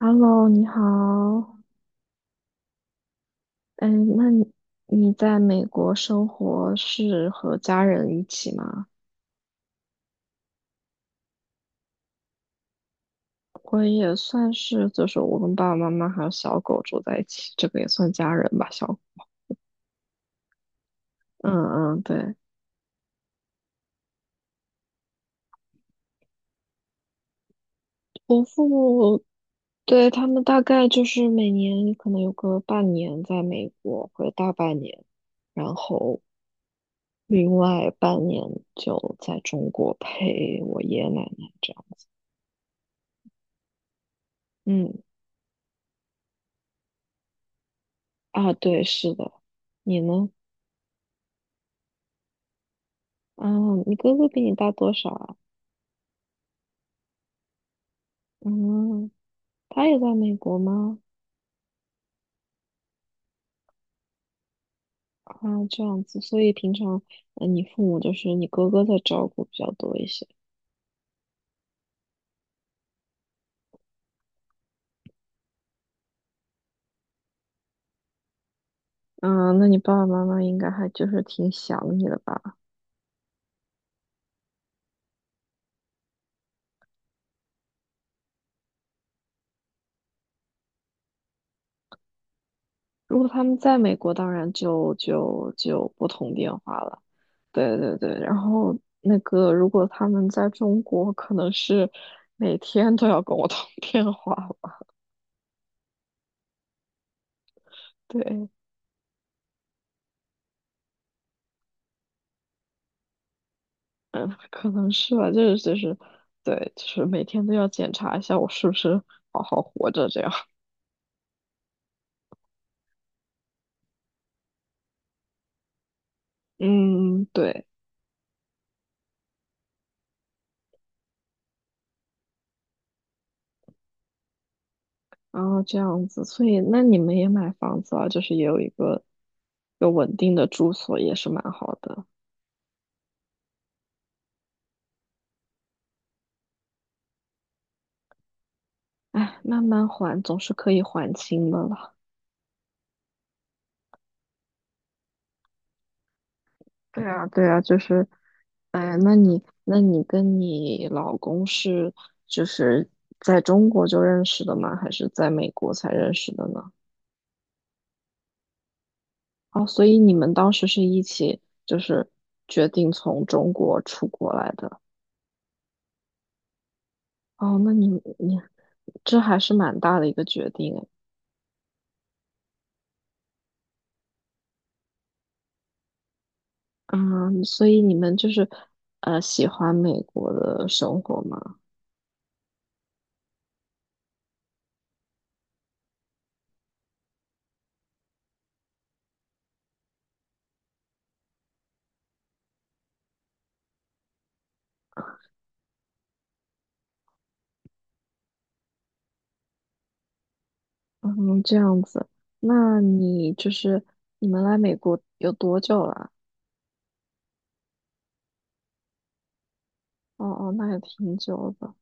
Hello，你好。嗯，那你在美国生活是和家人一起吗？我也算是，就是我跟爸爸妈妈还有小狗住在一起，这个也算家人吧。小狗，嗯嗯，对，对，他们大概就是每年可能有个半年在美国，或者大半年，然后另外半年就在中国陪我爷爷奶奶这样。嗯，啊，对，是的。你呢？嗯，你哥哥比你大多少啊？嗯，他也在美国吗？啊，这样子，所以平常，嗯，你父母就是你哥哥在照顾比较多一些。嗯，那你爸爸妈妈应该还就是挺想你的吧？如果他们在美国，当然就不通电话了。对对对，然后那个如果他们在中国，可能是每天都要跟我通电话了。对，嗯，可能是吧，就是，对，就是每天都要检查一下我是不是好好活着这样。嗯，对，然后这样子，所以那你们也买房子啊，就是也有一个有稳定的住所，也是蛮好的。哎，慢慢还总是可以还清的了。对啊，对啊，就是，哎，那你跟你老公是就是在中国就认识的吗？还是在美国才认识的呢？哦，所以你们当时是一起就是决定从中国出国来的。哦，那你这还是蛮大的一个决定诶。嗯，所以你们就是喜欢美国的生活吗？嗯，这样子。那你就是你们来美国有多久了？哦哦，那也挺久的。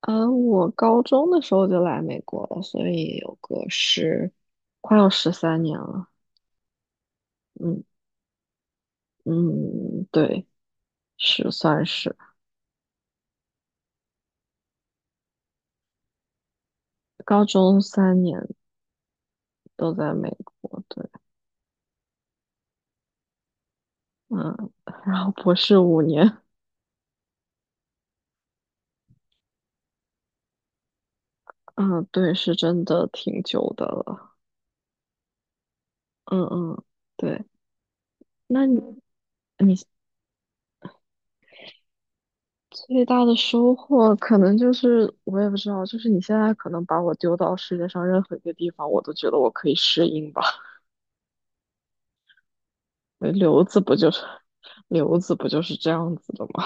我高中的时候就来美国了，所以有个十，快要13年了。嗯嗯，对。是算是高中三年都在美国，对，嗯，然后博士5年，嗯，对，是真的挺久的了，嗯嗯，对，那你最大的收获可能就是我也不知道，就是你现在可能把我丢到世界上任何一个地方，我都觉得我可以适应吧，对留子不就是这样子的吗？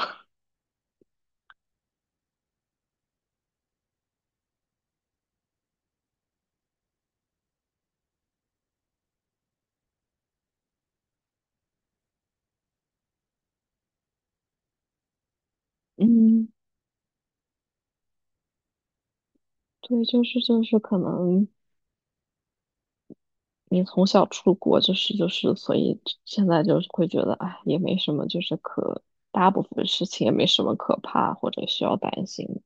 嗯，对，就是可能你从小出国就是，所以现在就是会觉得，哎，也没什么，就是大部分事情也没什么可怕或者需要担心的。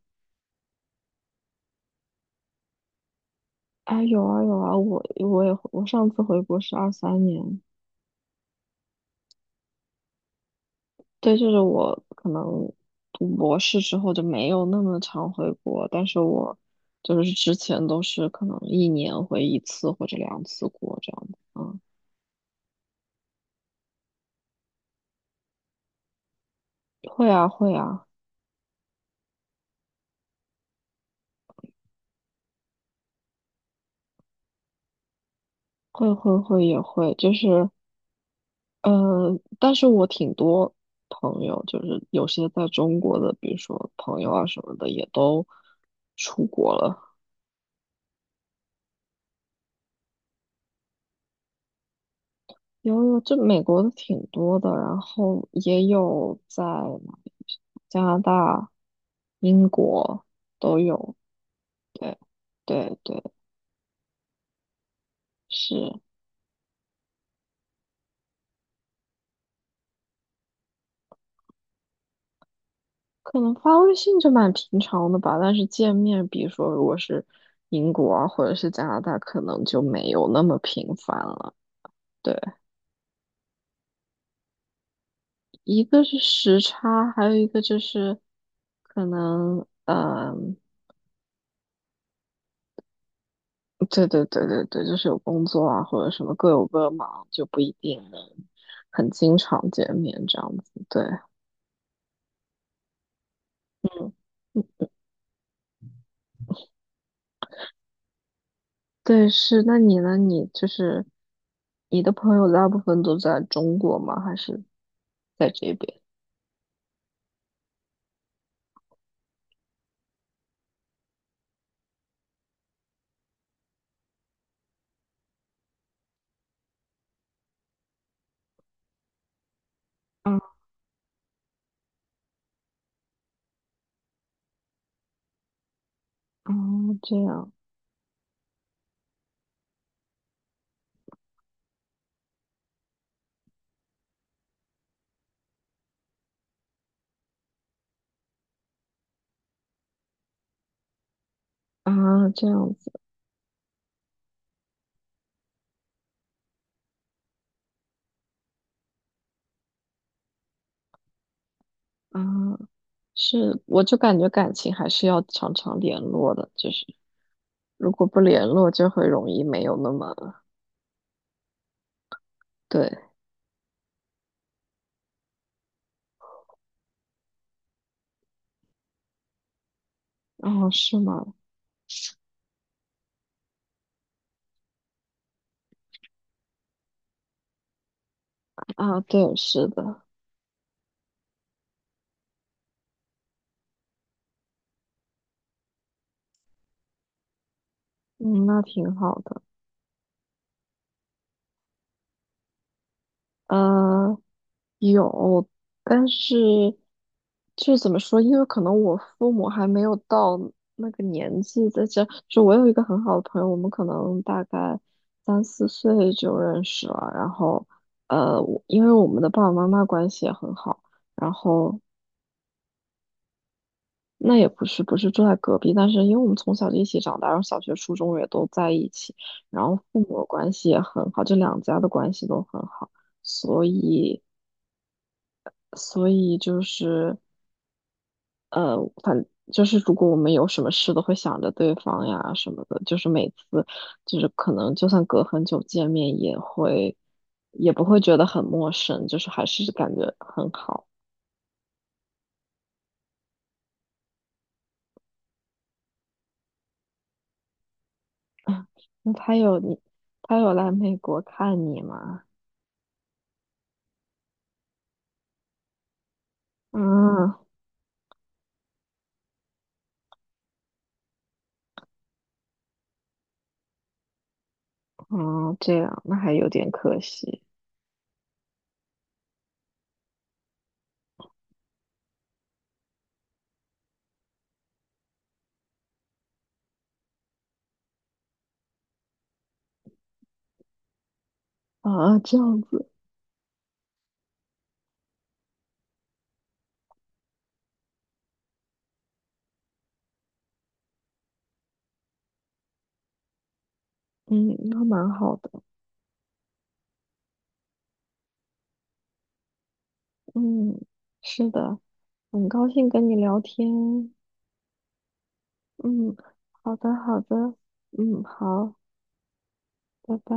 哎，有啊有啊，我上次回国是2023年，对，就是我可能读博士之后就没有那么常回国，但是我就是之前都是可能一年回一次或者两次国这样的。嗯，会啊会啊，会会会也会，就是。但是我挺多朋友，就是有些在中国的，比如说朋友啊什么的，也都出国了。有有，这美国的挺多的，然后也有在哪里加拿大、英国都有。对，对，对，是，可能发微信就蛮平常的吧，但是见面，比如说如果是英国啊，或者是加拿大，可能就没有那么频繁了。对。一个是时差，还有一个就是可能，嗯，对对对对对，就是有工作啊或者什么各有各忙，就不一定能很经常见面这样子。对，嗯对，是。那你呢？你就是你的朋友大部分都在中国吗？还是在这边？啊啊，这样啊，这样子啊，是，我就感觉感情还是要常常联络的，就是。如果不联络，就会容易没有那么对。哦，是吗？啊，对，是的，嗯，那挺好的。呃，有，但是就怎么说？因为可能我父母还没有到那个年纪，在这就我有一个很好的朋友，我们可能大概3、4岁就认识了。然后，因为我们的爸爸妈妈关系也很好，然后那也不是，不是住在隔壁，但是因为我们从小就一起长大，然后小学、初中也都在一起，然后父母关系也很好，这两家的关系都很好，所以，所以就是呃，反就是如果我们有什么事都会想着对方呀什么的，就是每次就是可能就算隔很久见面也不会觉得很陌生，就是还是感觉很好。那他有来美国看你吗？嗯。哦，这样，那还有点可惜啊，这样子，嗯，那蛮好的，嗯，是的，很高兴跟你聊天，嗯，好的，好的，嗯，好，拜拜。